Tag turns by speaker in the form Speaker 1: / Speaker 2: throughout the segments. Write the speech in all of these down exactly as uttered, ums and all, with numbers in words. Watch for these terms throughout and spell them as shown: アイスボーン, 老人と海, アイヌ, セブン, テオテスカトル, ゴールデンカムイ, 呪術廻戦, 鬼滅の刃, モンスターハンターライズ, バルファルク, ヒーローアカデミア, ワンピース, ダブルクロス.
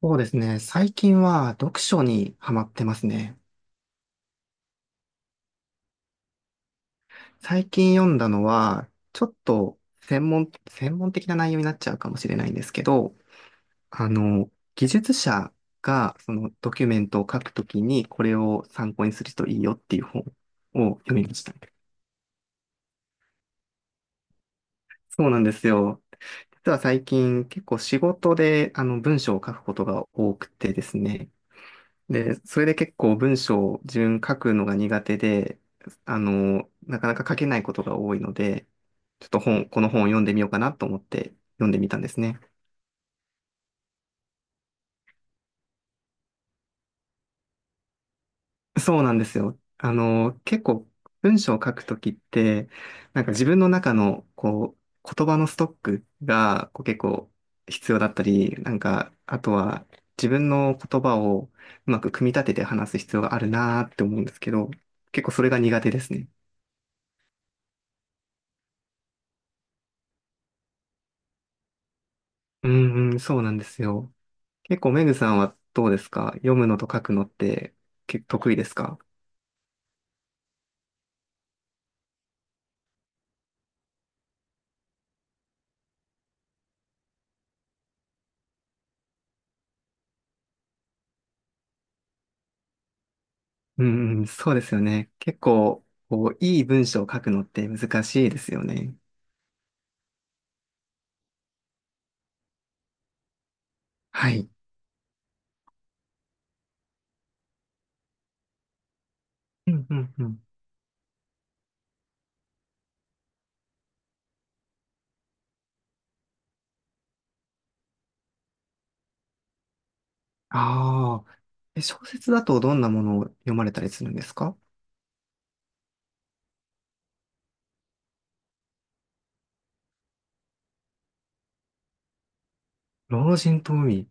Speaker 1: そうですね。最近は読書にハマってますね。最近読んだのは、ちょっと専門、専門的な内容になっちゃうかもしれないんですけど、あの、技術者がそのドキュメントを書くときにこれを参考にするといいよっていう本を読みました。そうなんですよ。実は最近結構仕事であの文章を書くことが多くてですね、で、それで結構文章を自分書くのが苦手で、あの、なかなか書けないことが多いので、ちょっと本、この本を読んでみようかなと思って読んでみたんですね。そうなんですよ。あの、結構文章を書くときって、なんか自分の中のこう、言葉のストックがこう結構必要だったり、なんか、あとは自分の言葉をうまく組み立てて話す必要があるなーって思うんですけど、結構それが苦手ですね。うんうん、そうなんですよ。結構、メグさんはどうですか？読むのと書くのって結構得意ですか？うんうん、そうですよね。結構、こう、いい文章を書くのって難しいですよね。はい。うんうんうん。ああ。え、小説だとどんなものを読まれたりするんですか？老人と海。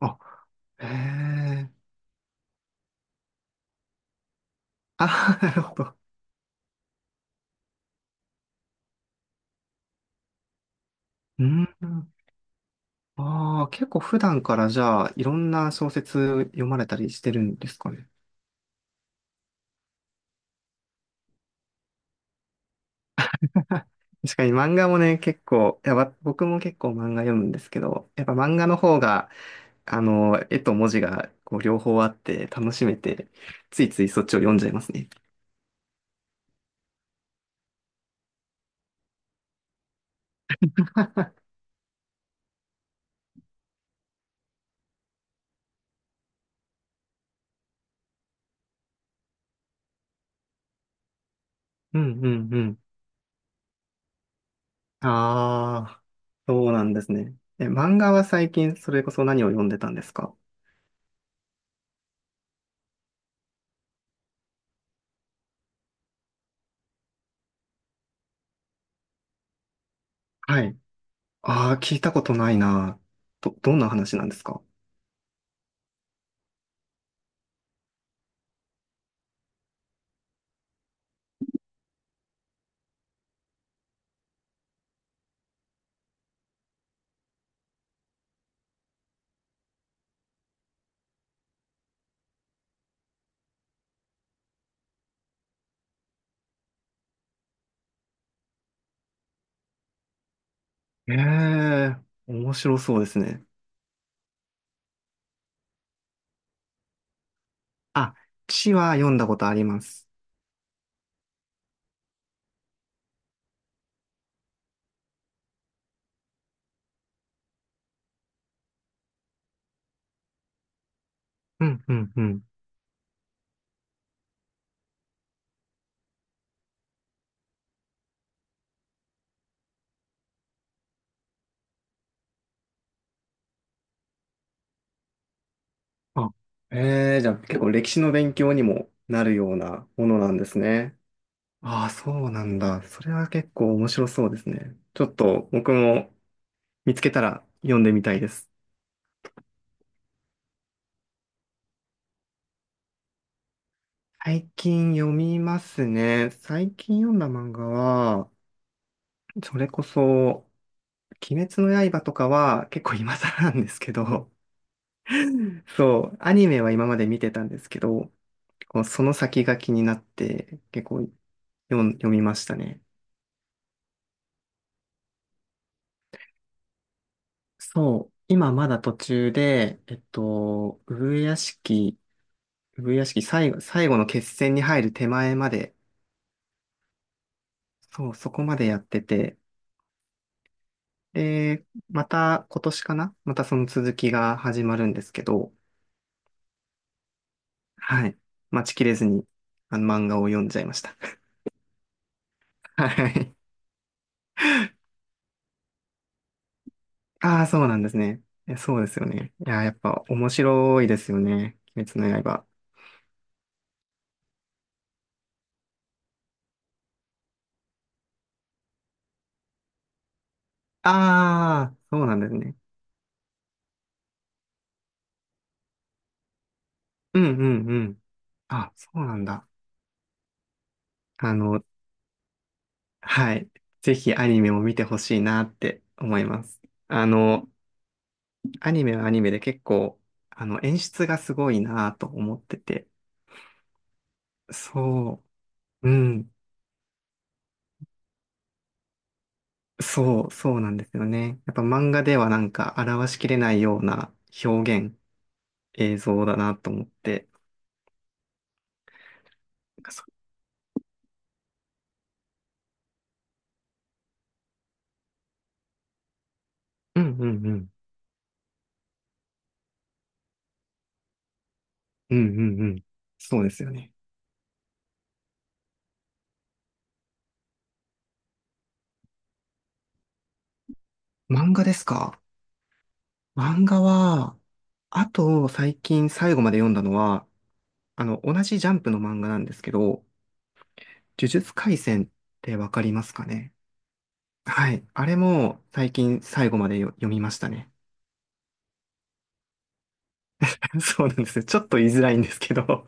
Speaker 1: あ、へえ。あ、なるほど。うん。ああ、結構普段からじゃあ、いろんな小説読まれたりしてるんですかね。確かに漫画もね、結構、いや、わ僕も結構漫画読むんですけど、やっぱ漫画の方が、あの、絵と文字がこう両方あって楽しめて、ついついそっちを読んじゃいますね。うんうんうん。ああ、そうなんですね。え、漫画は最近それこそ何を読んでたんですか？はい。ああ、聞いたことないな。ど、どんな話なんですか？ええ、面白そうですね。あ、地は読んだことあります。うんうんうん。あ、えー、じゃあ結構歴史の勉強にもなるようなものなんですね。ああ、そうなんだ。それは結構面白そうですね。ちょっと僕も見つけたら読んでみたいです。最近読みますね。最近読んだ漫画は、それこそ、鬼滅の刃とかは結構今更なんですけど、そう、アニメは今まで見てたんですけど、こうその先が気になって結構読ん、読みましたね。そう、今まだ途中で、えっと、上屋敷、上屋敷最後、最後の決戦に入る手前まで、そう、そこまでやってて、で、また今年かな、またその続きが始まるんですけど、はい。待ちきれずに、あの漫画を読んじゃいました。はい。ああ、そうなんですね。え、そうですよね。いや、やっぱ面白いですよね。鬼滅の刃。ああ、そうなんですね。うんうんうん。あ、そうなんだ。あの、はい。ぜひアニメも見てほしいなって思います。あの、アニメはアニメで結構、あの、演出がすごいなと思ってて。そう、うん、そう、そうなんですよね。やっぱ漫画ではなんか表しきれないような表現、映像だなと思って。なんかそうんうんうん。うんうんうん。そうですよね。漫画ですか？漫画は、あと最近最後まで読んだのは、あの、同じジャンプの漫画なんですけど、呪術廻戦ってわかりますかね？はい。あれも最近最後までよ読みましたね。そうなんですよ。ちょっと言いづらいんですけど。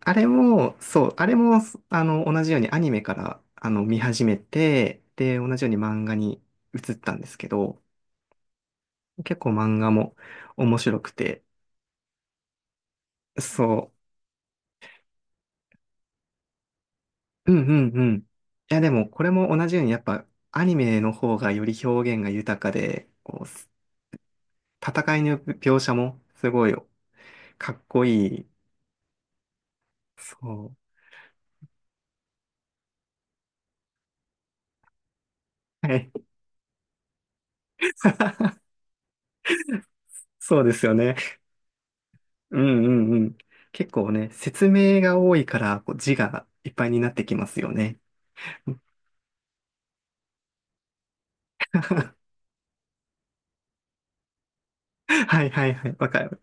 Speaker 1: あれも、そう、あれも、あの、同じようにアニメから、あの、見始めて、で、同じように漫画に移ったんですけど、結構漫画も面白くて、そう、うんうんうん。いや、でも、これも同じように、やっぱ、アニメの方がより表現が豊かで、こう、戦いの描写もすごいかっこいい、そう。はい。そうですよね。うんうんうん。結構ね、説明が多いから、こう字がいっぱいになってきますよね。はいはいはい。わかる。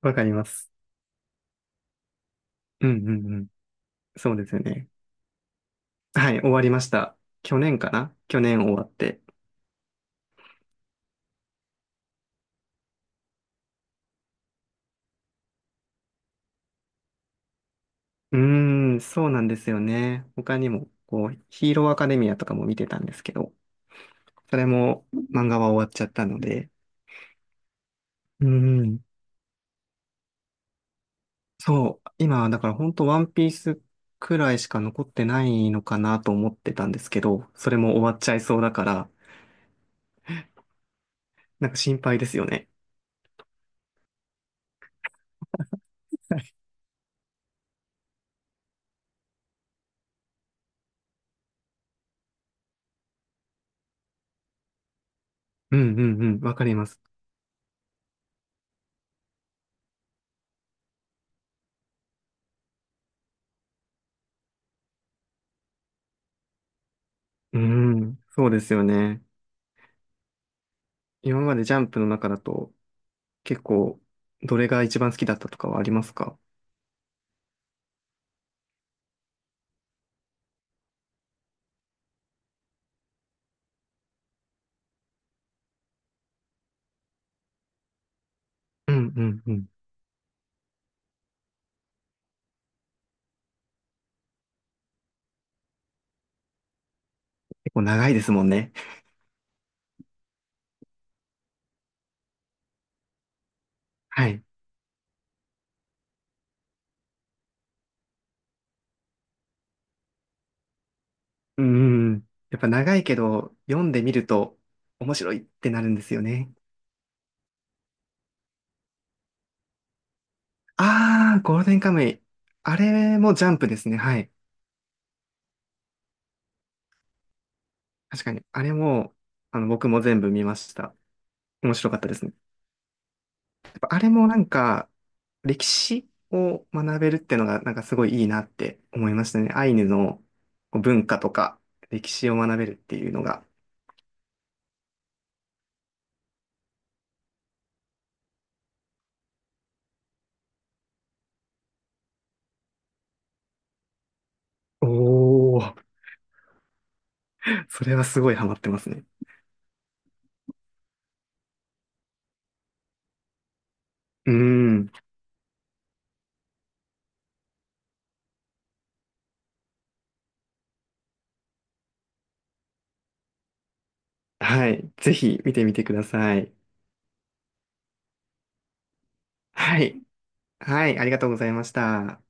Speaker 1: わかります。うんうんうん。そうですよね。はい、終わりました。去年かな、去年終わって。うーん、そうなんですよね。他にも、こう、ヒーローアカデミアとかも見てたんですけど、それも漫画は終わっちゃったので。うーうんそう、今、だから本当ワンピースくらいしか残ってないのかなと思ってたんですけど、それも終わっちゃいそうだから、なんか心配ですよね。うんうんうん、わかります。うん、そうですよね。今までジャンプの中だと、結構、どれが一番好きだったとかはありますか？うんうんうん。結構長いですもんね。はい。うんうんうん。やっぱ長いけど、読んでみると面白いってなるんですよね。あー、ゴールデンカムイ。あれもジャンプですね。はい。確かに、あれも、あの、僕も全部見ました。面白かったですね。やっぱあれもなんか、歴史を学べるってのが、なんかすごいいいなって思いましたね。アイヌのこう文化とか、歴史を学べるっていうのが。おお。それはすごいハマってますね。うーん。はい。ぜひ見てみてください。はい。はい。ありがとうございました。